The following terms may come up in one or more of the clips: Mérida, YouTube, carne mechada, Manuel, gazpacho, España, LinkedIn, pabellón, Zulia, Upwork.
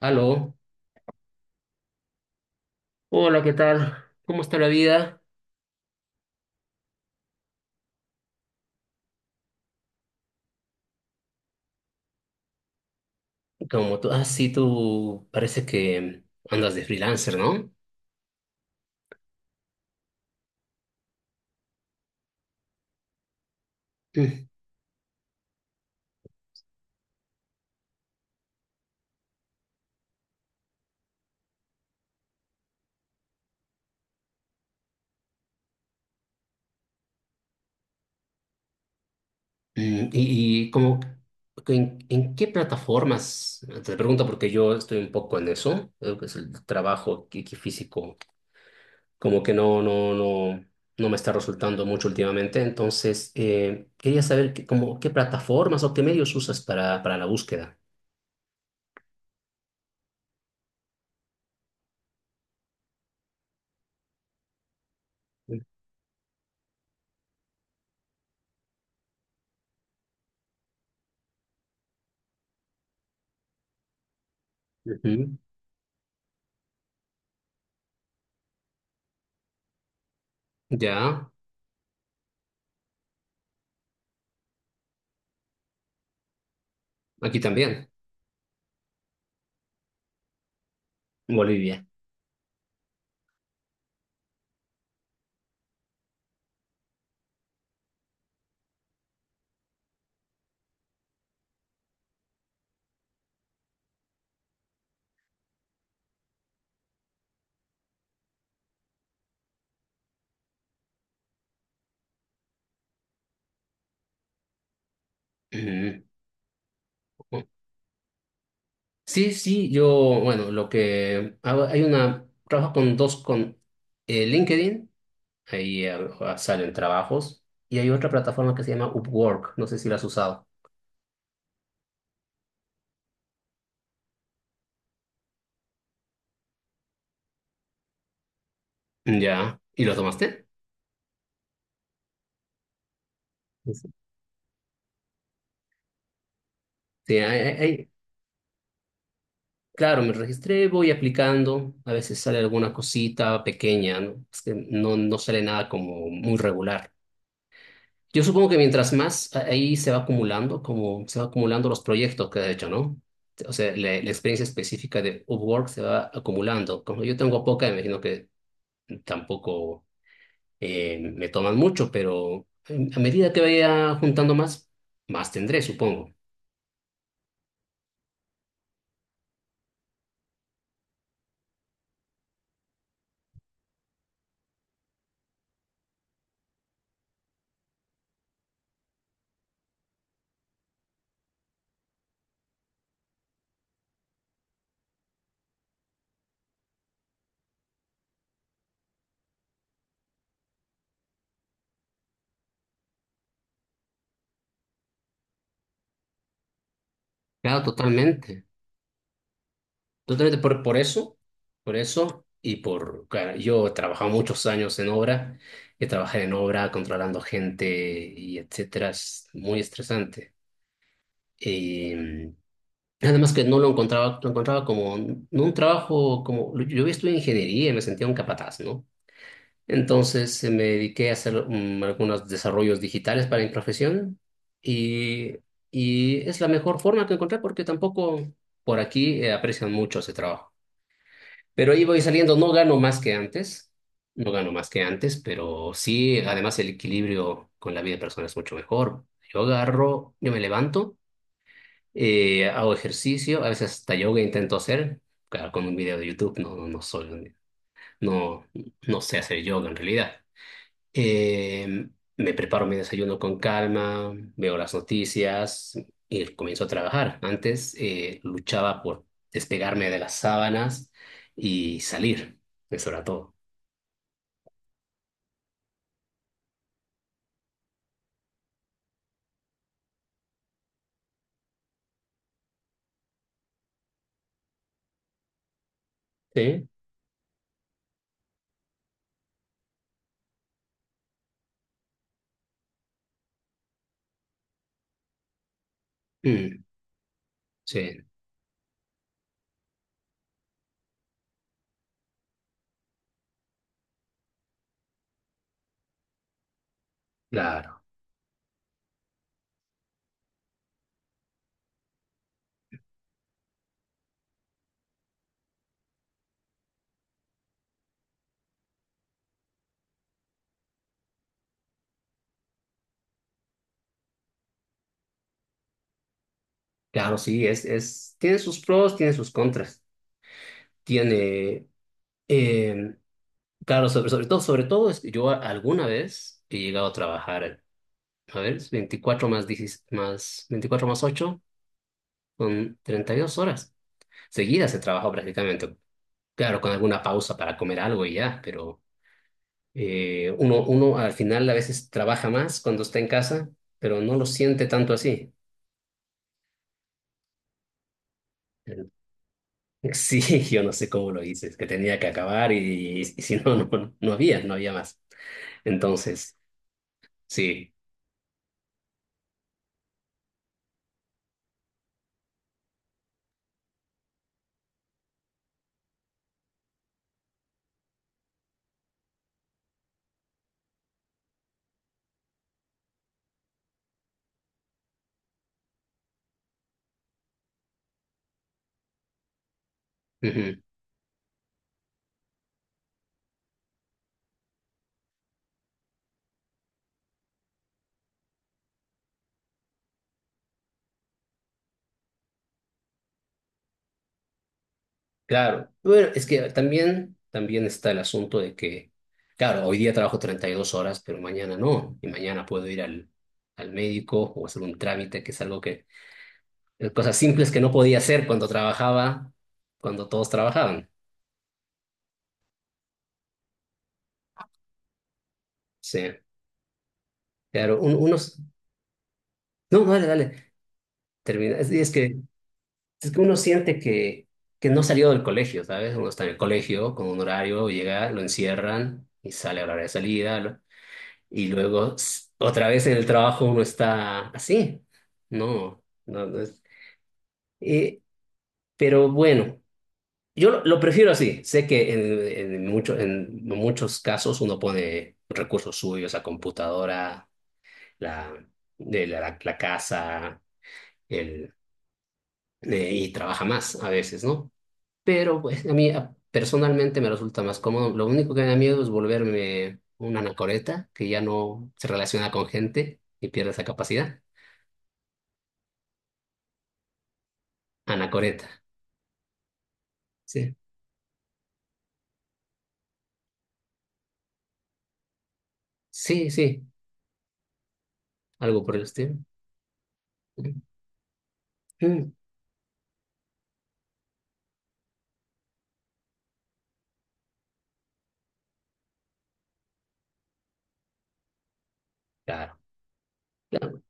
Aló, hola, ¿qué tal? ¿Cómo está la vida? Como tú, ah, sí, tú parece que andas de freelancer, ¿no? Mm, y como, ¿en qué plataformas? Ah, te pregunto porque yo estoy un poco en eso, creo que es el trabajo que físico, como que no me está resultando mucho últimamente, entonces quería saber que, como, qué plataformas o qué medios usas para la búsqueda. Ujú. Ya, aquí también, en Bolivia. Ujú. Sí, sí, yo, bueno, lo que hago, hay una, trabajo con dos, con LinkedIn, ahí salen trabajos, y hay otra plataforma que se llama Upwork, no sé si la has usado. Ya, ¿y lo tomaste? Sí, sí, claro, me registré, voy aplicando, a veces sale alguna cosita pequeña, ¿no? Es que no sale nada como muy regular. Yo supongo que mientras más ahí se va acumulando, como se va acumulando los proyectos que ha hecho, ¿no? O sea, la experiencia específica de Upwork se va acumulando. Como yo tengo poca, imagino que tampoco me toman mucho, pero a medida que vaya juntando más, más tendré, supongo. Claro, totalmente. Totalmente por eso, por eso y claro, yo he trabajado muchos años en obra, he trabajado en obra controlando gente y etcétera, es muy estresante. Eh, Nada más que no lo encontraba, lo encontraba como, no un trabajo como, yo había estudiado ingeniería y me sentía un capataz, ¿no? Entonces me dediqué a hacer algunos desarrollos digitales para mi profesión y, y es la mejor forma que encontré porque tampoco por aquí aprecian mucho ese trabajo. Pero ahí voy saliendo, no gano más que antes, no gano más que antes, pero sí, además el equilibrio con la vida personal es mucho mejor. Yo agarro, yo me levanto. Hago ejercicio, a veces hasta yoga intento hacer, claro, con un video de YouTube, no soy, no, no sé hacer yoga en realidad. Eh, Me preparo mi desayuno con calma, veo las noticias y comienzo a trabajar. Antes luchaba por despegarme de las sábanas y salir, eso era todo. Sí, mm, sí, claro, claro, sí, es, tiene sus pros, tiene sus contras, tiene... em, claro, sobre todo, es que yo alguna vez he llegado a trabajar, a ver, es 24 más 10 más, 24 más 8, son 32 horas seguidas he trabajado prácticamente. Claro, con alguna pausa para comer algo y ya, pero uno al final a veces trabaja más cuando está en casa, pero no lo siente tanto así. Sí, yo no sé cómo lo hice, es que tenía que acabar y si no, no había más. Entonces, sí. Claro, bueno, es que también, también está el asunto de que, claro, hoy día trabajo 32 horas, pero mañana no, y mañana puedo ir al médico o hacer un trámite, que es algo que, cosas simples que no podía hacer cuando trabajaba, cuando todos trabajaban. Sí, claro, unos, no, dale, dale, termina. Es que uno siente que no salió del colegio, ¿sabes? Uno está en el colegio con un horario, llega, lo encierran y sale a la hora de salida. Y luego otra vez en el trabajo uno está así. No, no, no es. eh, pero bueno, yo lo prefiero así. Sé que en muchos casos uno pone recursos suyos, la computadora, la, de la, la- la casa, el, y trabaja más a veces, ¿no? Pero pues a mí personalmente me resulta más cómodo. Lo único que me da miedo es volverme una anacoreta que ya no se relaciona con gente y pierde esa capacidad. Anacoreta. Sí, sí, sí, algo por el estilo. Mm, claro, claro,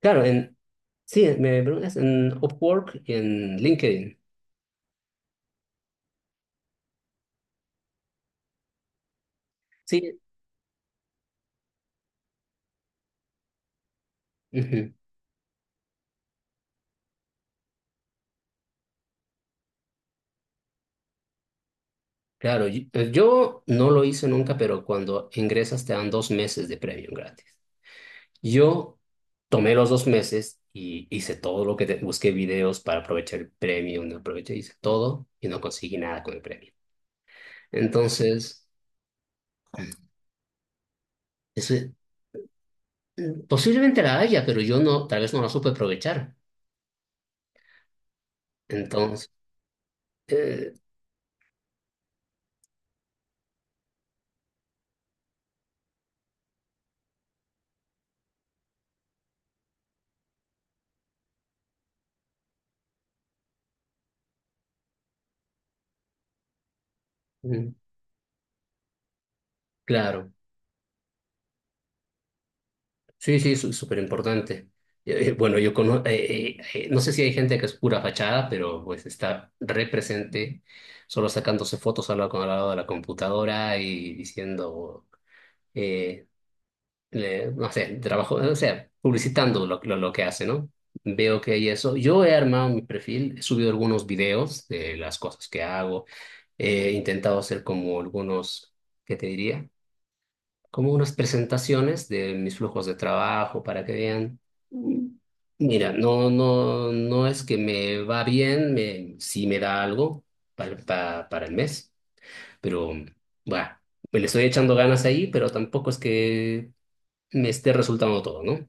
claro. Sí, me preguntas en Upwork y en LinkedIn. Sí, ujú, claro, yo no lo hice nunca, pero cuando ingresas te dan 2 meses de premium gratis. Yo tomé los 2 meses y hice todo lo que busqué videos para aprovechar el premium, no aproveché, hice todo y no conseguí nada con el premium. Entonces, eso, posiblemente la haya, pero yo no, tal vez no la supe aprovechar. Entonces, eh, mm, claro, sí, sí, es súper importante. Bueno, yo conozco, no sé si hay gente que es pura fachada, pero pues está represente, solo sacándose fotos al lado, al lado de la computadora y diciendo, eh, no sé, trabajo, o sea, publicitando lo que hace, ¿no? Veo que hay eso. Yo he armado mi perfil, he subido algunos videos de las cosas que hago, he intentado hacer como algunos, ¿qué te diría? Como unas presentaciones de mis flujos de trabajo para que vean. Mira, no es que me va bien, sí me da algo para, para el mes, pero bueno, me le estoy echando ganas ahí, pero tampoco es que me esté resultando todo, ¿no?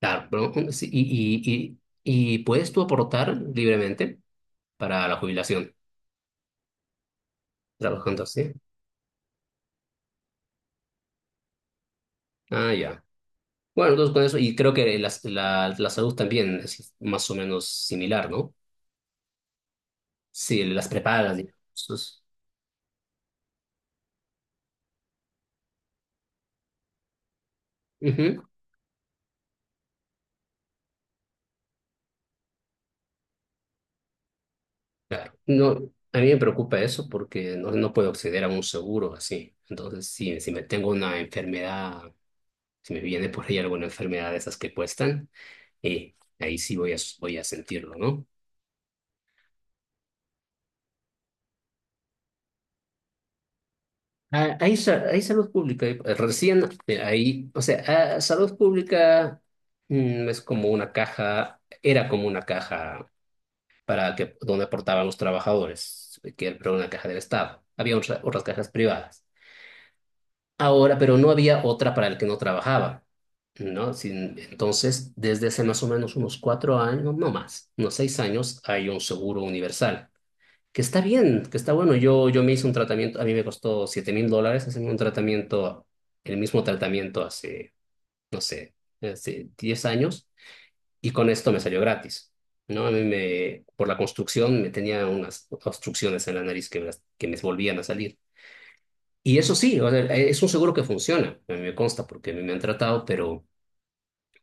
Claro, pero, sí, y puedes tú aportar libremente para la jubilación trabajando así. Ah, ya. Bueno, entonces con eso, y creo que la salud también es más o menos similar, ¿no? Sí, las prepagas, digamos. Ujú, claro. No, a mí me preocupa eso porque no puedo acceder a un seguro así. Entonces, si me tengo una enfermedad, si me viene por ahí alguna enfermedad de esas que cuestan, ahí sí voy a, sentirlo, ¿no? Ah, hay salud pública. Recién o sea, salud pública es como una caja, era como una caja para que donde aportaban los trabajadores, que era una caja del Estado. Había otras cajas privadas. Ahora, pero no había otra para el que no trabajaba, ¿no? Entonces, desde hace más o menos unos 4 años, no más, unos 6 años, hay un seguro universal que está bien, que está bueno. Yo me hice un tratamiento, a mí me costó 7.000 dólares hacerme un tratamiento, el mismo tratamiento hace, no sé, hace 10 años, y con esto me salió gratis, ¿no? Por la construcción, me tenía unas obstrucciones en la nariz que me volvían a salir. Y eso sí, o sea, es un seguro que funciona, a mí me consta porque a mí me han tratado, pero,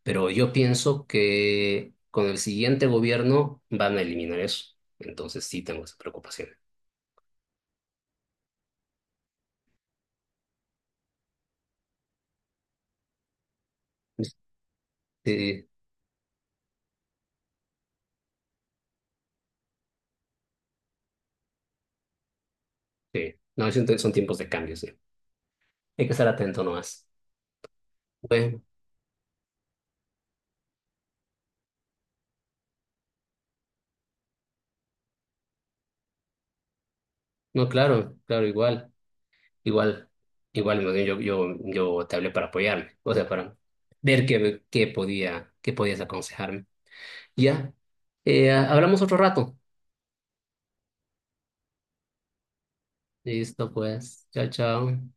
pero yo pienso que con el siguiente gobierno van a eliminar eso. Entonces sí tengo esa preocupación. Sí, sí, no, siento que son tiempos de cambio, sí. Hay que estar atento nomás. Bueno, no, claro, claro, igual, igual, más bien yo te hablé para apoyarme, o sea, para ver qué podía, qué podías aconsejarme. Ya, hablamos otro rato. Listo, pues, chao, chao.